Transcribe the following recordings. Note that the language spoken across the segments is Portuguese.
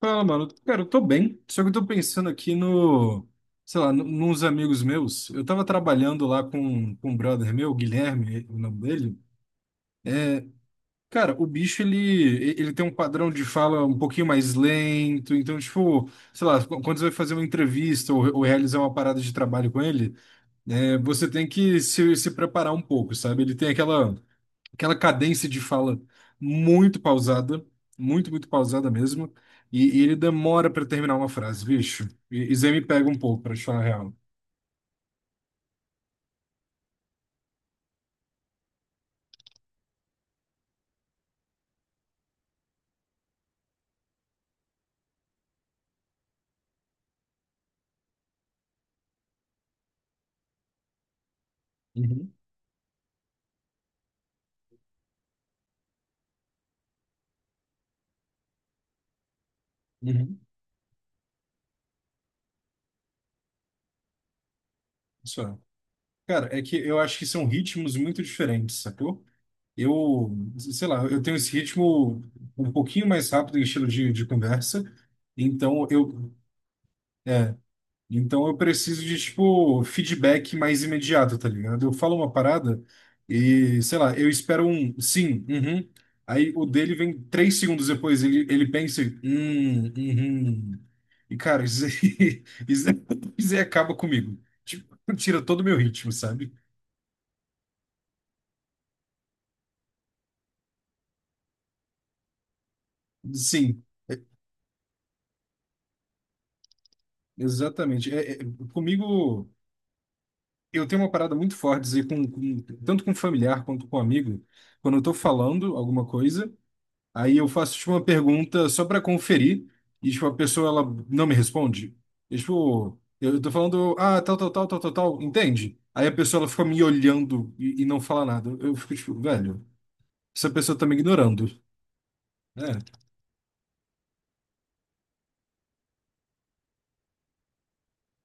Fala, mano. Cara, eu tô bem, só que eu tô pensando aqui no, sei lá, nos amigos meus. Eu tava trabalhando lá com um brother meu, Guilherme, o nome dele. Cara, o bicho, ele tem um padrão de fala um pouquinho mais lento, então, tipo, sei lá, quando você vai fazer uma entrevista ou realizar uma parada de trabalho com ele, né, você tem que se preparar um pouco, sabe? Ele tem aquela cadência de fala muito pausada, muito, muito pausada mesmo, e ele demora para terminar uma frase, bicho. E isso aí me pega um pouco, para te falar a real. Uhum, uhum. Isso é. Cara, é que eu acho que são ritmos muito diferentes, sacou? Eu, sei lá, eu tenho esse ritmo um pouquinho mais rápido em estilo de conversa, então eu, é, então eu preciso de, tipo, feedback mais imediato, tá ligado? Eu falo uma parada e, sei lá, eu espero um sim, uhum, aí o dele vem 3 segundos depois, ele pensa, e, uhum, e cara, isso aí, isso aí, isso aí acaba comigo, tipo, tira todo o meu ritmo, sabe? Sim, exatamente, comigo... Eu tenho uma parada muito forte, dizer, tanto com familiar quanto com amigo, quando eu tô falando alguma coisa, aí eu faço, tipo, uma pergunta só para conferir, e, tipo, a pessoa, ela não me responde. E, tipo, eu tô falando, ah, tal, tal, tal, tal, tal, tal, entende? Aí a pessoa, ela fica me olhando e, não fala nada. Eu fico, tipo, velho, essa pessoa tá me ignorando. É,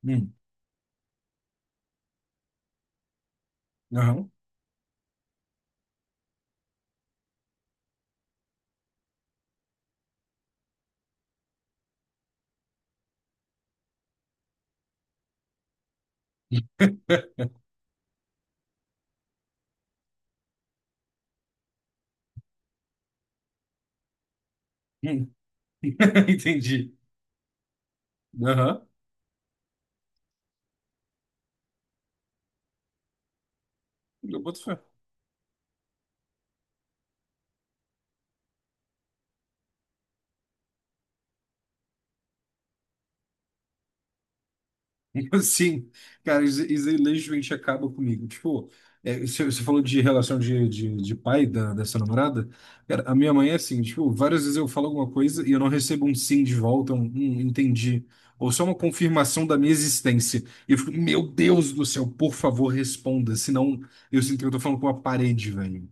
hum, aham, hum, entendi, aham, eu boto fé. Sim, cara, isso aí legitimamente acaba comigo. Tipo, é, você falou de relação de pai da, dessa namorada. Cara, a minha mãe é assim, tipo, várias vezes eu falo alguma coisa e eu não recebo um sim de volta, um, entendi. Ou só uma confirmação da minha existência. E eu fico, meu Deus do céu, por favor, responda. Senão eu sinto que eu tô falando com uma parede, velho.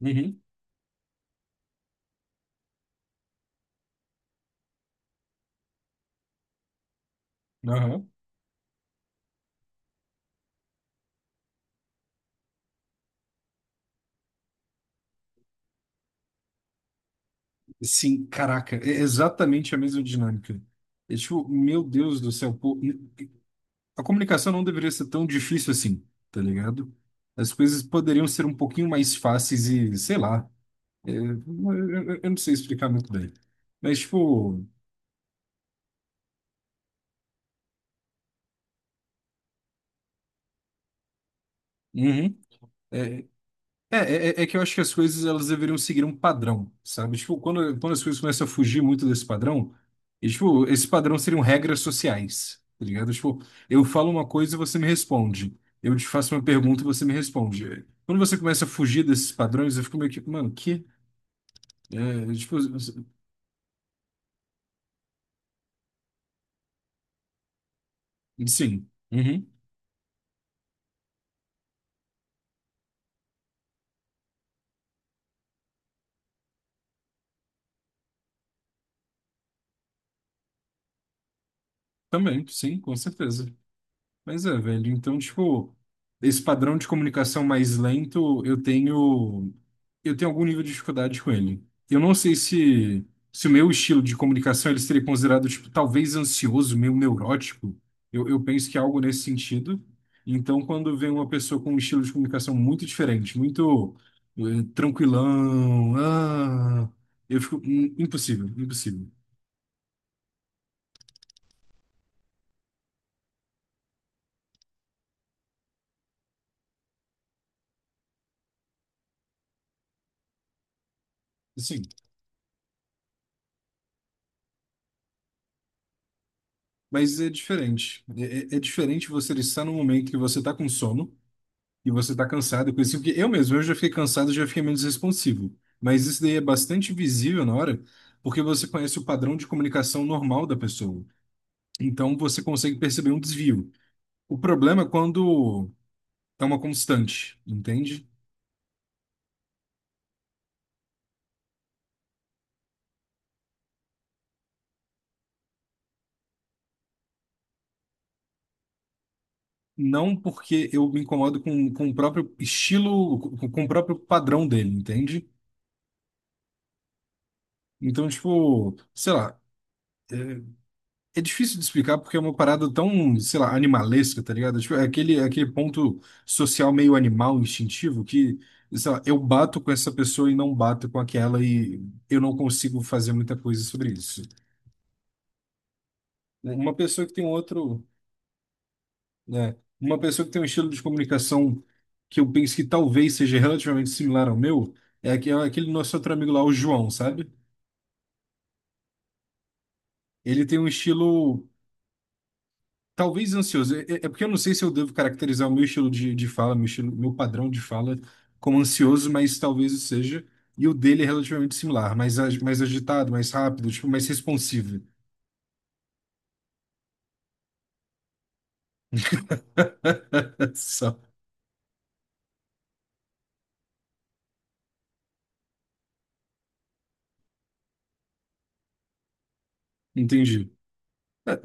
Uhum, aham. Sim, caraca, é exatamente a mesma dinâmica. É tipo, meu Deus do céu, pô, a comunicação não deveria ser tão difícil assim, tá ligado? As coisas poderiam ser um pouquinho mais fáceis e, sei lá, é, eu, eu não sei explicar muito bem. Mas, tipo, uhum, é, é é que eu acho que as coisas elas deveriam seguir um padrão, sabe? Tipo, quando as coisas começam a fugir muito desse padrão, e, tipo, esse padrão seriam regras sociais, tá ligado? Tipo, eu falo uma coisa e você me responde. Eu te faço uma pergunta e você me responde. Quando você começa a fugir desses padrões, eu fico meio que, mano, que? É, tipo, sim. Uhum. Também, sim, com certeza. Mas é, velho, então, tipo, esse padrão de comunicação mais lento, eu tenho algum nível de dificuldade com ele. Eu não sei se o meu estilo de comunicação ele seria considerado, tipo, talvez ansioso, meio neurótico. Eu penso que é algo nesse sentido. Então, quando vem uma pessoa com um estilo de comunicação muito diferente, muito eh, tranquilão, ah, eu fico impossível, impossível. Sim. Mas é diferente. É, é diferente você estar num momento que você está com sono e você está cansado, coisa assim, porque eu mesmo, eu já fiquei cansado, já fiquei menos responsivo. Mas isso daí é bastante visível na hora, porque você conhece o padrão de comunicação normal da pessoa. Então você consegue perceber um desvio. O problema é quando é uma constante, entende? Não porque eu me incomodo com o próprio estilo, com o próprio padrão dele, entende? Então, tipo, sei lá. é, É difícil de explicar porque é uma parada tão, sei lá, animalesca, tá ligado? Tipo, é aquele ponto social meio animal, instintivo, que, sei lá, eu bato com essa pessoa e não bato com aquela e eu não consigo fazer muita coisa sobre isso. Uma pessoa que tem outro, né? Uma pessoa que tem um estilo de comunicação que eu penso que talvez seja relativamente similar ao meu, é é aquele nosso outro amigo lá, o João, sabe? Ele tem um estilo. Talvez ansioso. É, é porque eu não sei se eu devo caracterizar o meu estilo de fala, meu estilo, meu padrão de fala como ansioso, mas talvez o seja. E o dele é relativamente similar, mais, mais agitado, mais rápido, tipo, mais responsivo. Só. Entendi. É.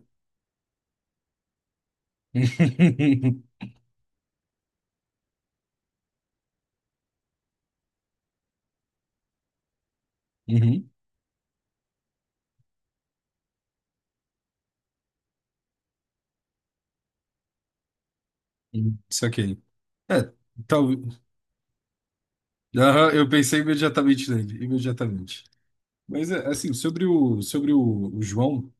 Uhum. Uhum. Saquei. É, talvez. Aham, eu pensei imediatamente nele, imediatamente. Mas é, assim, sobre o sobre o o João.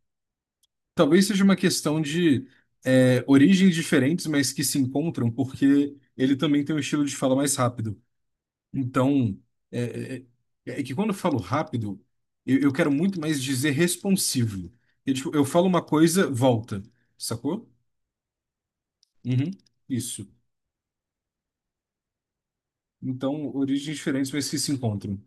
Talvez seja uma questão de origens diferentes, mas que se encontram, porque ele também tem um estilo de fala mais rápido. Então, é, é que quando eu falo rápido, eu quero muito mais dizer responsivo. Eu, tipo, eu falo uma coisa, volta. Sacou? Uhum, isso. Então, origens diferentes, mas que se encontram.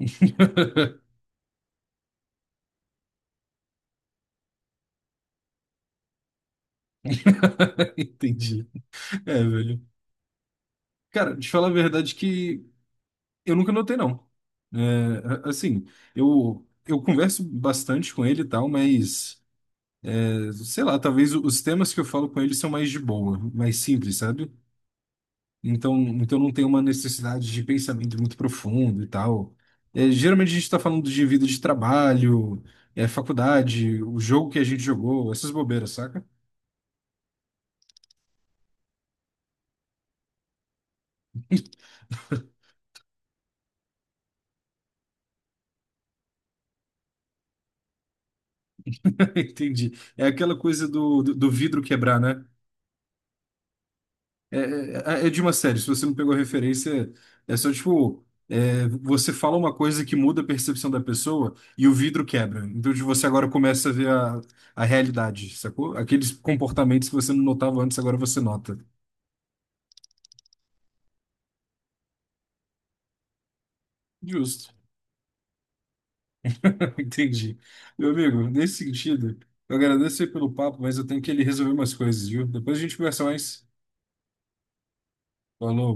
Entendi. É, velho. Cara, te falar a verdade que eu nunca notei, não. É, assim, eu converso bastante com ele e tal, mas, é, sei lá, talvez os temas que eu falo com ele são mais de boa, mais simples, sabe? Então, então não tem uma necessidade de pensamento muito profundo e tal. É, geralmente a gente está falando de vida de trabalho, é, faculdade, o jogo que a gente jogou, essas bobeiras, saca? Entendi. É aquela coisa do vidro quebrar, né? É, é, de uma série, se você não pegou a referência, é só tipo. É, você fala uma coisa que muda a percepção da pessoa e o vidro quebra. Então de você agora começa a ver a realidade, sacou? Aqueles comportamentos que você não notava antes, agora você nota. Justo. Entendi. Meu amigo, nesse sentido, eu agradeço aí pelo papo, mas eu tenho que ele resolver umas coisas, viu? Depois a gente conversa mais. Falou.